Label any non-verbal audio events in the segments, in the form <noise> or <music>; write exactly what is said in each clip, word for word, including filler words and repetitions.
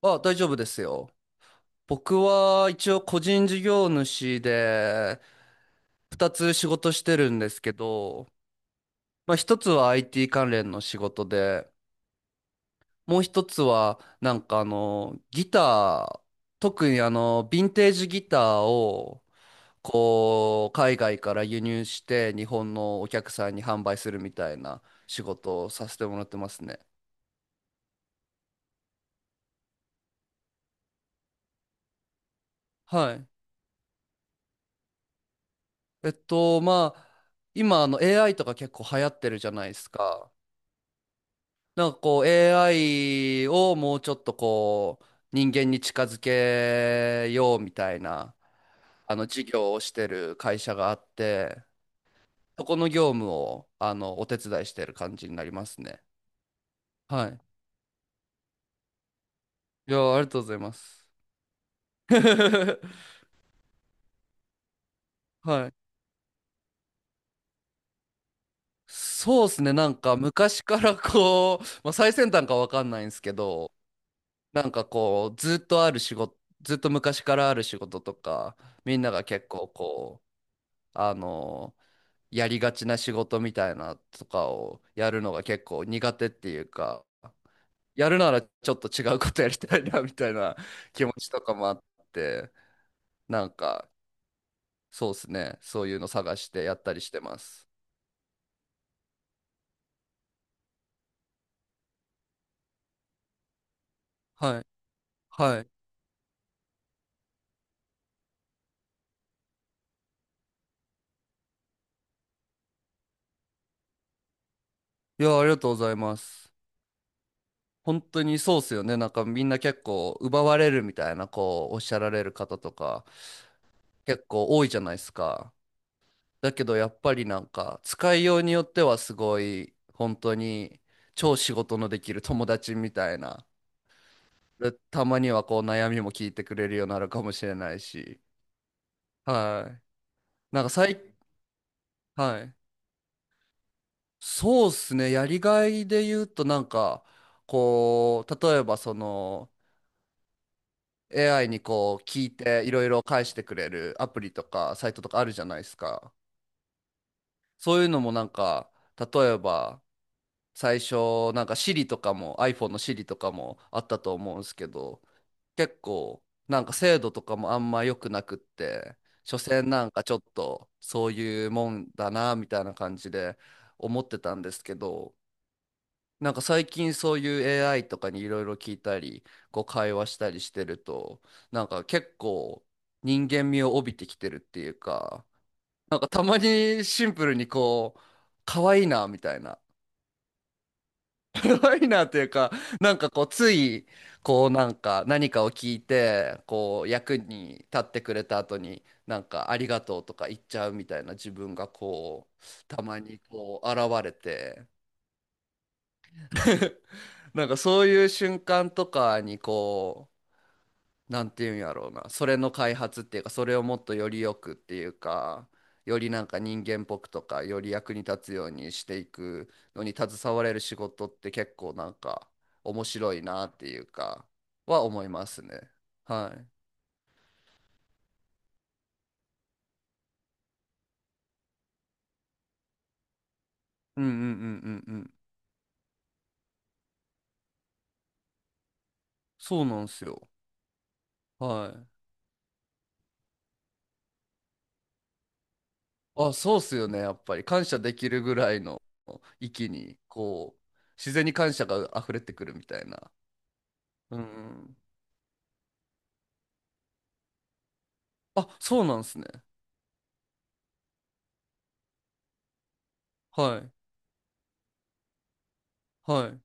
あ、大丈夫ですよ。僕は一応個人事業主で二つ仕事してるんですけど、まあひとつは アイティー 関連の仕事で、もう一つはなんかあのギター、特にあのヴィンテージギターをこう海外から輸入して日本のお客さんに販売するみたいな仕事をさせてもらってますね。はい。えっと、まあ今あの エーアイ とか結構流行ってるじゃないですか。なんかこう エーアイ をもうちょっとこう人間に近づけようみたいなあの事業をしてる会社があって、そこの業務をあのお手伝いしてる感じになりますね。はい。いや、ありがとうございます。<laughs> はい。そうですね。なんか昔からこう、まあ、最先端かわかんないんですけど、なんかこう、ずっとある仕事、ずっと昔からある仕事とか、みんなが結構こう、あのやりがちな仕事みたいなとかをやるのが結構苦手っていうか、やるならちょっと違うことやりたいなみたいな気持ちとかもあって、なんかそうですね、そういうの探してやったりしてます。はい。はい。いや、ありがとうございます。本当にそうっすよね。なんかみんな結構奪われるみたいな、こうおっしゃられる方とか結構多いじゃないですか。だけどやっぱりなんか使いようによってはすごい本当に超仕事のできる友達みたいな。でたまにはこう悩みも聞いてくれるようになるかもしれないし。はい。なんか最、はい。そうっすね。やりがいで言うとなんかこう、例えばその エーアイ にこう聞いていろいろ返してくれるアプリとかサイトとかあるじゃないですか。そういうのもなんか例えば最初なんか Siri とかも iPhone の Siri とかもあったと思うんですけど、結構なんか精度とかもあんま良くなくって、所詮なんかちょっとそういうもんだなみたいな感じで思ってたんですけど、なんか最近そういう エーアイ とかにいろいろ聞いたりこう会話したりしてると、なんか結構人間味を帯びてきてるっていうか、なんかたまにシンプルにこう可愛いなみたいな、ごいなというか、なんかこう、つい、こう、なんか、何かを聞いて、こう、役に立ってくれた後に、なんか、ありがとうとか言っちゃうみたいな自分が、こう、たまに、こう、現れて、なんか、そういう瞬間とかに、こなんていうんやろうな、それの開発っていうか、それをもっとよりよくっていうか、よりなんか人間っぽくとか、より役に立つようにしていくのに携われる仕事って結構なんか面白いなっていうかは思いますね。はい。うんうんうんうんうん。そうなんですよ。はい。あ、そうっすよね。やっぱり感謝できるぐらいの域にこう自然に感謝が溢れてくるみたいな。うんうん。あ、そうなんですね。はい。はい。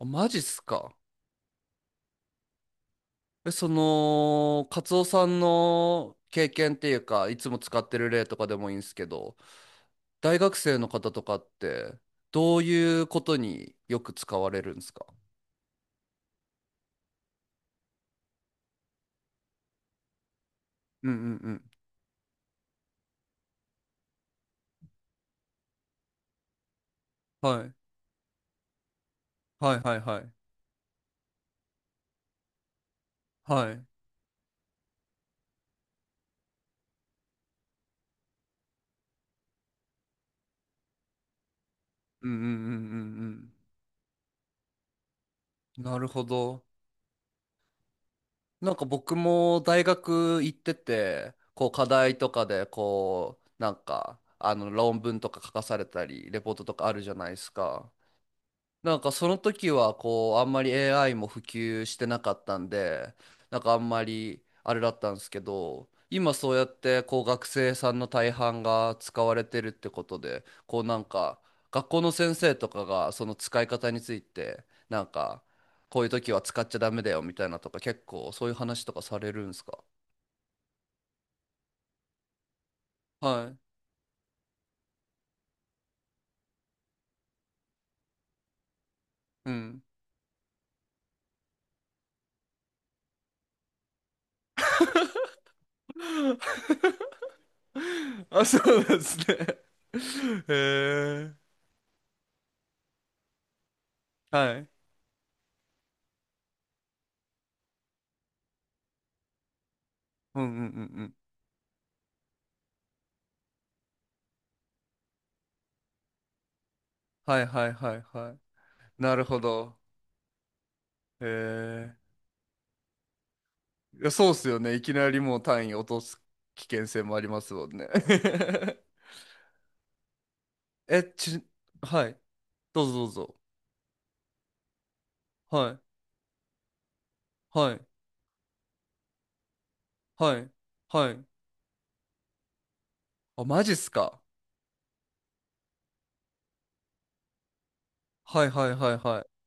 あ、マジっすか。え、その、カツオさんの経験っていうか、いつも使ってる例とかでもいいんですけど、大学生の方とかって、どういうことによく使われるんですか？うんうんうん。はい。はいはいはい。はい。うんうんうんうんうん。なるほど。なんか僕も大学行ってて、こう課題とかで、こう、なんか、あの論文とか書かされたり、レポートとかあるじゃないですか。なんかその時はこうあんまり エーアイ も普及してなかったんで、なんかあんまりあれだったんですけど、今そうやってこう学生さんの大半が使われてるってことで、こうなんか学校の先生とかがその使い方についてなんか、こういう時は使っちゃダメだよみたいなとか、結構そういう話とかされるんですか？はい。うん。<laughs> あ、そうなんですね。<laughs> へえ。はい。うんうんうんうん。はいはいはいはい。なるほど。へえ。いや、そうっすよね。いきなりもう単位落とす危険性もありますもんね。<laughs> え、ち、はい。どうぞどうぞ。はい。はい。はい。はい。あ、マジっすか。はいはいはいはい。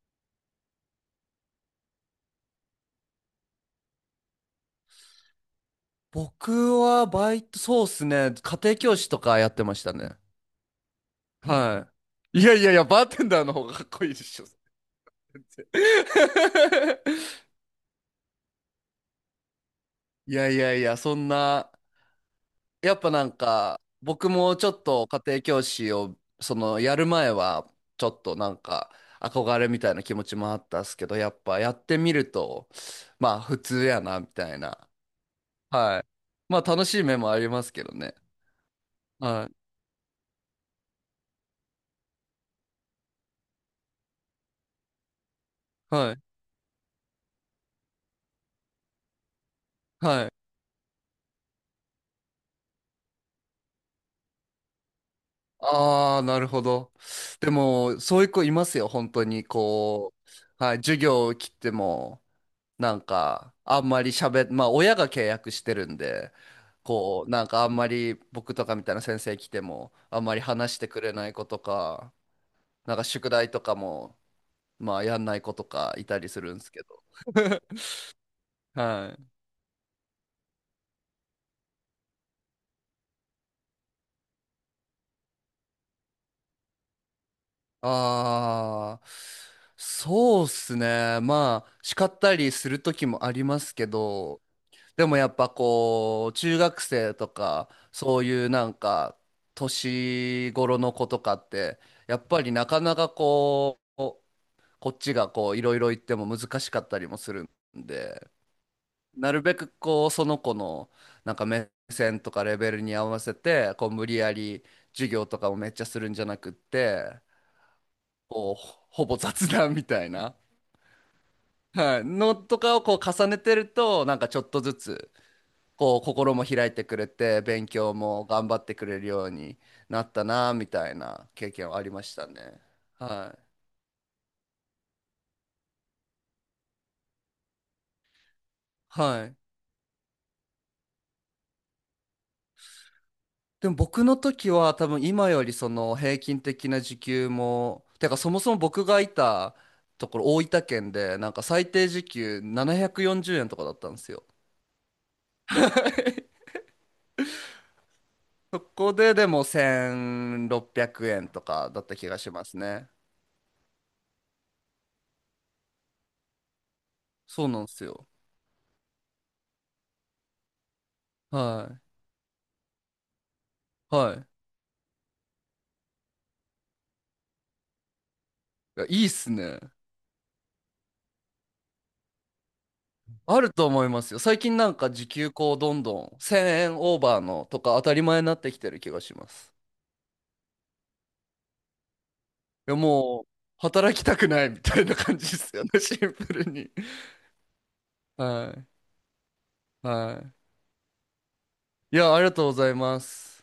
僕はバイト、そうっすね。家庭教師とかやってましたね。はい。いやいやいや、バーテンダーの方がかっこいいでしょ。それ <laughs> いやいやいや、そんな。やっぱなんか、僕もちょっと家庭教師を、その、やる前は、ちょっとなんか、憧れみたいな気持ちもあったっすけど、やっぱやってみると、まあ、普通やな、みたいな。はい。まあ、楽しい面もありますけどね。はい。はい。はい。ああ、なるほど。でも、そういう子いますよ、本当に。こう、はい、授業を切っても、なんか、あんまり喋っ、まあ、親が契約してるんで、こう、なんかあんまり僕とかみたいな先生来ても、あんまり話してくれない子とか、なんか宿題とかも、まあ、やんない子とかいたりするんですけど。<laughs> はい。ああ、そうっすね。まあ、叱ったりする時もありますけど、でもやっぱこう、中学生とか、そういうなんか、年頃の子とかって、やっぱりなかなかこう、こっちがこう、いろいろ言っても難しかったりもするんで、なるべくこう、その子のなんか目線とかレベルに合わせて、こう、無理やり授業とかをめっちゃするんじゃなくって、こう、ほほぼ雑談みたいな、はい、のとかをこう、重ねてると、なんかちょっとずつ、こう心も開いてくれて勉強も頑張ってくれるようになったなみたいな経験はありましたね。はい。はい。でも僕の時は多分今よりその平均的な時給も、てかそもそも僕がいたところ大分県でなんか最低時給ななひゃくよんじゅうえんとかだったんですよ。そこででもせんろっぴゃくえんとかだった気がしますね。そうなんですよ。はい。はい。いや、いいっすね。あると思いますよ。最近なんか時給こうどんどんせんえんオーバーのとか当たり前になってきてる気がします。いやもう働きたくないみたいな感じですよね、シンプルに。はい。はい。いや、ありがとうございます。